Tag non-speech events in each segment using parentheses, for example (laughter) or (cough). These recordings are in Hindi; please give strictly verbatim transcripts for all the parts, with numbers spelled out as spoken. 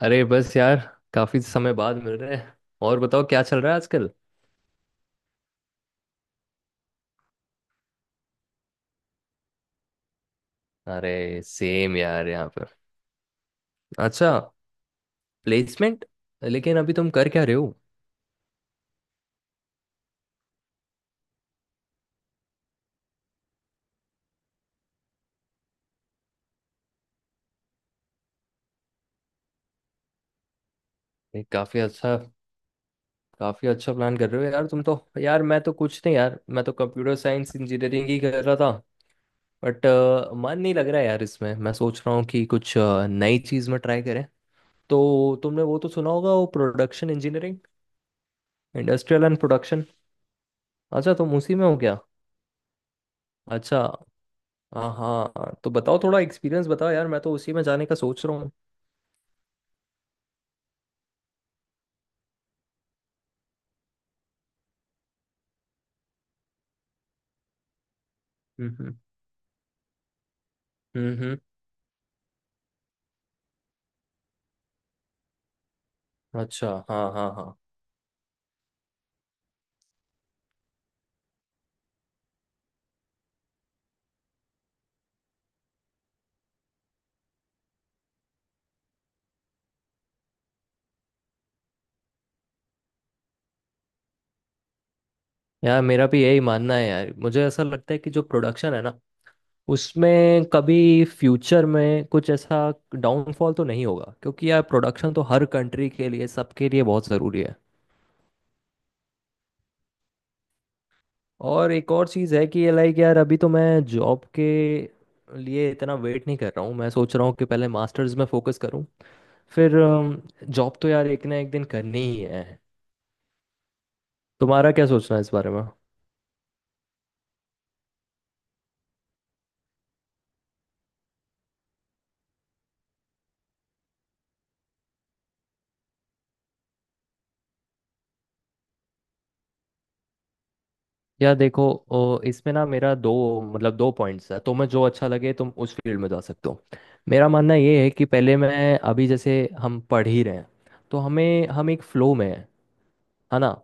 अरे बस यार, काफी समय बाद मिल रहे हैं। और बताओ, क्या चल रहा है आजकल। अरे सेम यार यहाँ पर। अच्छा। प्लेसमेंट। लेकिन अभी तुम कर क्या रहे हो। ये काफी अच्छा, काफी अच्छा प्लान कर रहे हो यार तुम तो। यार मैं तो कुछ नहीं। यार मैं तो कंप्यूटर साइंस इंजीनियरिंग ही कर रहा था। बट मन नहीं लग रहा है यार इसमें। मैं सोच रहा हूँ कि कुछ अ, नई चीज में ट्राई करें। तो तुमने वो तो सुना होगा, वो production engineering, industrial and production. अच्छा, तुम उसी में हो क्या। अच्छा। हाँ हाँ, तो बताओ थोड़ा एक्सपीरियंस बताओ। यार मैं तो उसी में जाने का सोच रहा हूँ। हम्म हम्म। हम्म हम्म। अच्छा, हाँ हाँ हाँ। यार मेरा भी यही मानना है। यार मुझे ऐसा लगता है कि जो प्रोडक्शन है ना, उसमें कभी फ्यूचर में कुछ ऐसा डाउनफॉल तो नहीं होगा, क्योंकि यार प्रोडक्शन तो हर कंट्री के लिए, सबके लिए बहुत ज़रूरी है। और एक और चीज़ है कि ये लाइक यार अभी तो मैं जॉब के लिए इतना वेट नहीं कर रहा हूँ। मैं सोच रहा हूँ कि पहले मास्टर्स में फोकस करूँ, फिर जॉब तो यार एक ना एक दिन करनी ही है। तुम्हारा क्या सोचना है इस बारे में। यार देखो, ओ, इसमें ना मेरा दो, मतलब दो पॉइंट्स है। तुम्हें जो अच्छा लगे तुम उस फील्ड में जा सकते हो। मेरा मानना ये है कि पहले मैं, अभी जैसे हम पढ़ ही रहे हैं, तो हमें, हम एक फ्लो में हैं, है ना।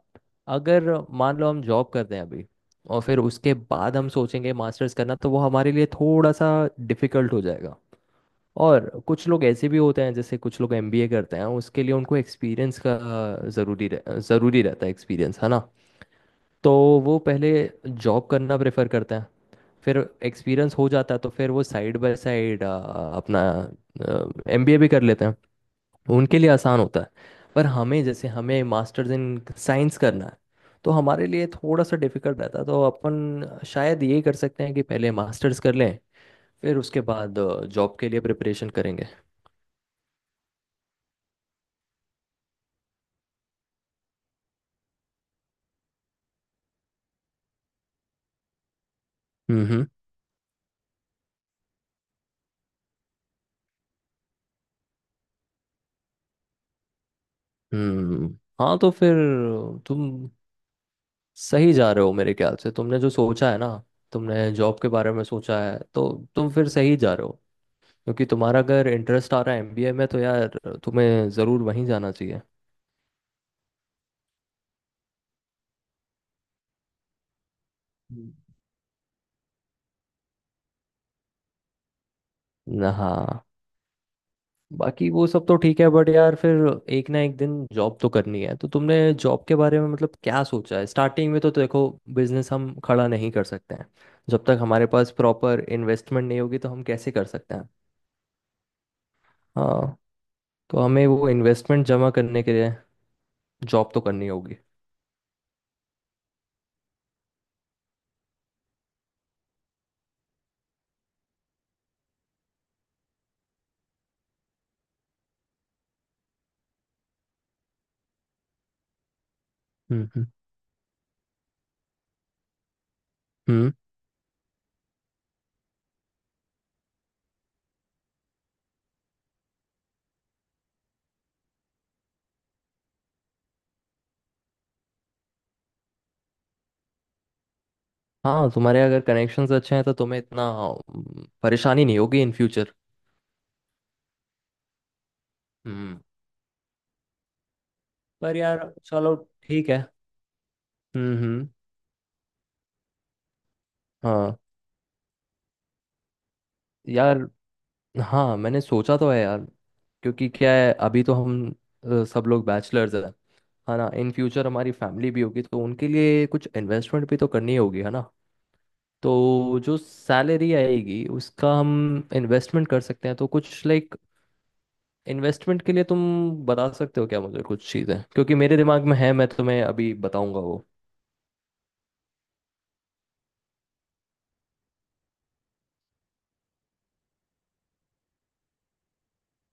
अगर मान लो हम जॉब करते हैं अभी, और फिर उसके बाद हम सोचेंगे मास्टर्स करना, तो वो हमारे लिए थोड़ा सा डिफिकल्ट हो जाएगा। और कुछ लोग ऐसे भी होते हैं, जैसे कुछ लोग एमबीए करते हैं, उसके लिए उनको एक्सपीरियंस का ज़रूरी रह, ज़रूरी रहता है एक्सपीरियंस, है ना। तो वो पहले जॉब करना प्रेफर करते हैं, फिर एक्सपीरियंस हो जाता है तो फिर वो साइड बाय साइड अपना एमबीए भी कर लेते हैं। उनके लिए आसान होता है। पर हमें, जैसे हमें मास्टर्स इन साइंस करना है, तो हमारे लिए थोड़ा सा डिफिकल्ट रहता है। तो अपन शायद ये कर सकते हैं कि पहले मास्टर्स कर लें, फिर उसके बाद जॉब के लिए प्रिपरेशन करेंगे। हम्म हम्म। हम्म। हाँ, तो फिर तुम सही जा रहे हो मेरे ख्याल से। तुमने जो सोचा है ना, तुमने जॉब के बारे में सोचा है, तो तुम फिर सही जा रहे हो। क्योंकि तुम्हारा अगर इंटरेस्ट आ रहा है एमबीए में, तो यार तुम्हें ज़रूर वहीं जाना चाहिए। हम्म। न- हाँ। बाकी वो सब तो ठीक है बट यार फिर एक ना एक दिन जॉब तो करनी है। तो तुमने जॉब के बारे में मतलब क्या सोचा है स्टार्टिंग में। तो देखो, बिजनेस हम खड़ा नहीं कर सकते हैं। जब तक हमारे पास प्रॉपर इन्वेस्टमेंट नहीं होगी तो हम कैसे कर सकते हैं। हाँ। तो हमें वो इन्वेस्टमेंट जमा करने के लिए जॉब तो करनी होगी। हम्म हम्म। हम्म। हाँ, तुम्हारे अगर कनेक्शंस अच्छे हैं तो तुम्हें इतना अम, परेशानी नहीं होगी इन फ्यूचर। हम्म। पर यार चलो, ठीक है। हम्म हम्म। हाँ। यार, हाँ मैंने सोचा तो है यार। क्योंकि क्या है, अभी तो हम अ, सब लोग बैचलर्स हैं। है ना, इन फ्यूचर हमारी फैमिली भी होगी तो उनके लिए कुछ इन्वेस्टमेंट भी तो करनी होगी, है ना। तो जो सैलरी आएगी उसका हम इन्वेस्टमेंट कर सकते हैं। तो कुछ लाइक, इन्वेस्टमेंट के लिए तुम बता सकते हो क्या मुझे कुछ चीज़ें, क्योंकि मेरे दिमाग में है मैं तुम्हें अभी बताऊंगा वो।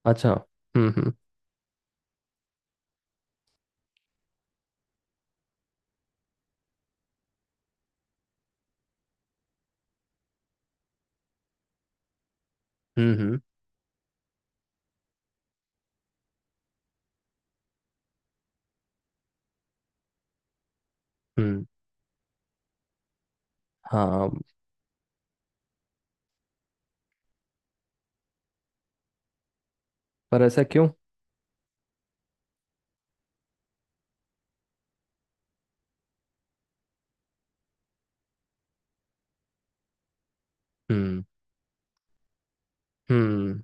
अच्छा। हम्म हम्म। हम्म हम्म। हम्म। हाँ। पर ऐसा क्यों। हम्म हम्म।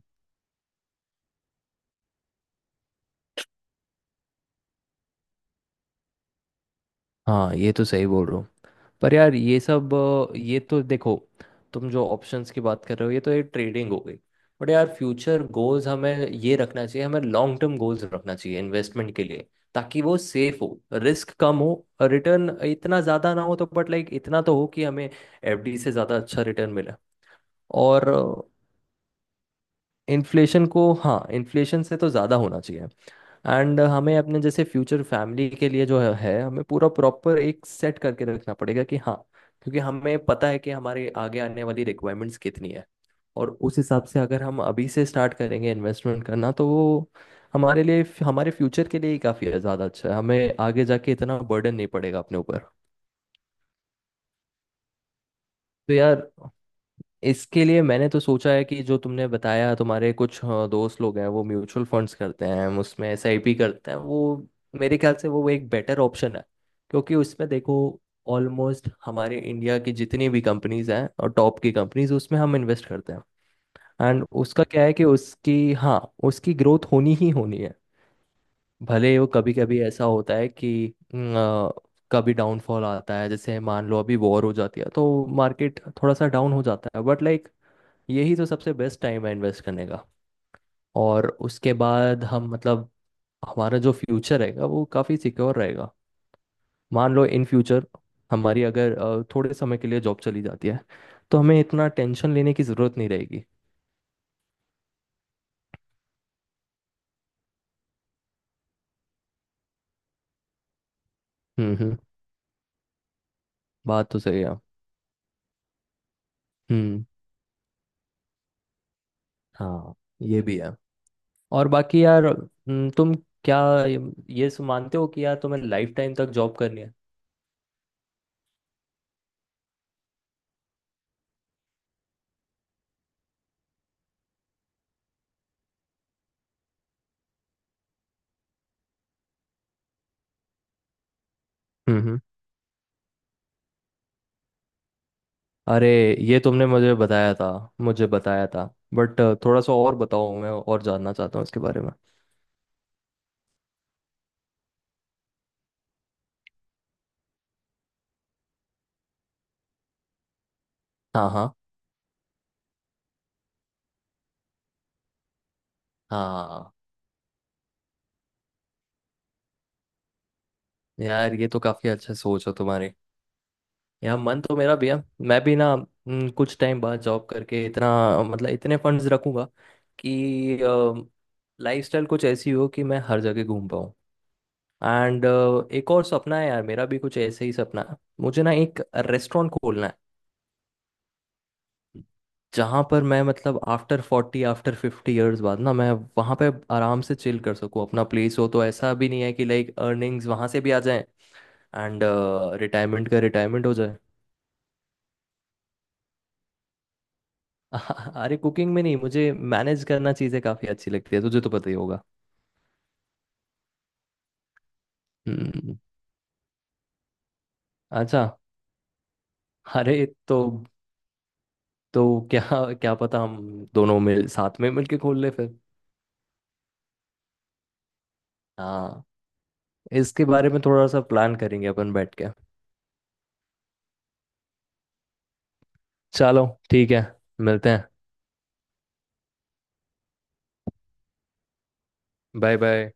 हाँ, ये तो सही बोल रहा। पर यार ये सब अ, ये तो देखो, तुम जो ऑप्शंस की बात कर रहे हो ये तो ये ट्रेडिंग हो गई। बट यार, फ्यूचर गोल्स हमें ये रखना चाहिए, हमें लॉन्ग टर्म गोल्स रखना चाहिए इन्वेस्टमेंट के लिए। ताकि वो सेफ हो, रिस्क कम हो, रिटर्न इतना ज़्यादा ना हो तो बट लाइक इतना तो हो कि हमें एफडी से ज़्यादा अच्छा रिटर्न मिले। और इन्फ्लेशन को, हाँ, इन्फ्लेशन से तो ज़्यादा होना चाहिए। एंड हमें अपने जैसे फ्यूचर फैमिली के लिए जो है है, हमें पूरा प्रॉपर एक सेट करके रखना पड़ेगा कि हाँ, क्योंकि हमें पता है कि हमारे आगे आने वाली रिक्वायरमेंट्स कितनी है। और उस हिसाब से अगर हम अभी से स्टार्ट करेंगे इन्वेस्टमेंट करना तो वो हमारे लिए, हमारे फ्यूचर के लिए ही काफ़ी ज़्यादा अच्छा है। हमें आगे जाके इतना बर्डन नहीं पड़ेगा अपने ऊपर। तो यार इसके लिए मैंने तो सोचा है कि जो तुमने बताया तुम्हारे कुछ अ, दोस्त लोग हैं वो म्यूचुअल फंड्स करते हैं, उसमें एसआईपी करते हैं वो, मेरे ख्याल से वो एक बेटर ऑप्शन है। क्योंकि उसमें देखो, ऑलमोस्ट हमारे इंडिया की जितनी भी कंपनीज हैं और टॉप की कंपनीज, उसमें हम इन्वेस्ट करते हैं। एंड उसका क्या है कि उसकी, हाँ, उसकी ग्रोथ होनी ही होनी है। भले वो, कभी कभी ऐसा होता है कि न, अ, कभी डाउनफॉल आता है, जैसे मान लो अभी वॉर हो जाती है तो मार्केट थोड़ा सा डाउन हो जाता है, बट लाइक यही तो सबसे बेस्ट टाइम है इन्वेस्ट करने का। और उसके बाद हम, मतलब हमारा जो फ्यूचर रहेगा वो काफ़ी सिक्योर रहेगा। मान लो इन फ्यूचर हमारी अगर अ, थोड़े समय के लिए जॉब चली जाती है तो हमें इतना टेंशन लेने की ज़रूरत नहीं रहेगी। हम्म हम्म। बात तो सही है। हम्म। हाँ, ये भी है। और बाकी यार हम्म, तुम क्या, ये ये सु- मानते हो कि यार तुम्हें लाइफ टाइम तक जॉब करनी है। हम्म। अरे, ये तुमने मुझे बताया था, मुझे बताया था। बट थोड़ा सा और बताओ, मैं और जानना चाहता हूँ इसके बारे में। हाँ हाँ। हाँ यार, ये तो काफी अच्छा सोच है तुम्हारी। यार मन तो मेरा भी है। मैं भी ना हम्म, कुछ टाइम बाद जॉब करके इतना, मतलब इतने फंड्स रखूंगा कि लाइफस्टाइल कुछ ऐसी हो कि मैं हर जगह घूम पाऊँ। एंड एक और सपना है यार मेरा, भी कुछ ऐसे ही सपना है, मुझे ना एक रेस्टोरेंट खोलना है जहाँ पर मैं, मतलब after forty, after fifty years बाद ना, मैं वहाँ पे आराम से चिल कर सकूँ। अपना प्लेस हो तो ऐसा भी नहीं है कि लाइक अर्निंग्स वहाँ से भी आ जाए एंड रिटायरमेंट का रिटायरमेंट हो जाए। (laughs) अरे कुकिंग में नहीं, मुझे मैनेज करना, चीज़ें काफ़ी अच्छी लगती है, तुझे तो पता ही होगा। हम्म। अच्छा। अरे तो तो क्या, क्या पता हम दोनों मिल, साथ में मिलके खोल ले फिर। हाँ, इसके बारे में थोड़ा सा प्लान करेंगे अपन बैठ के। चलो ठीक है, मिलते हैं। Bye bye.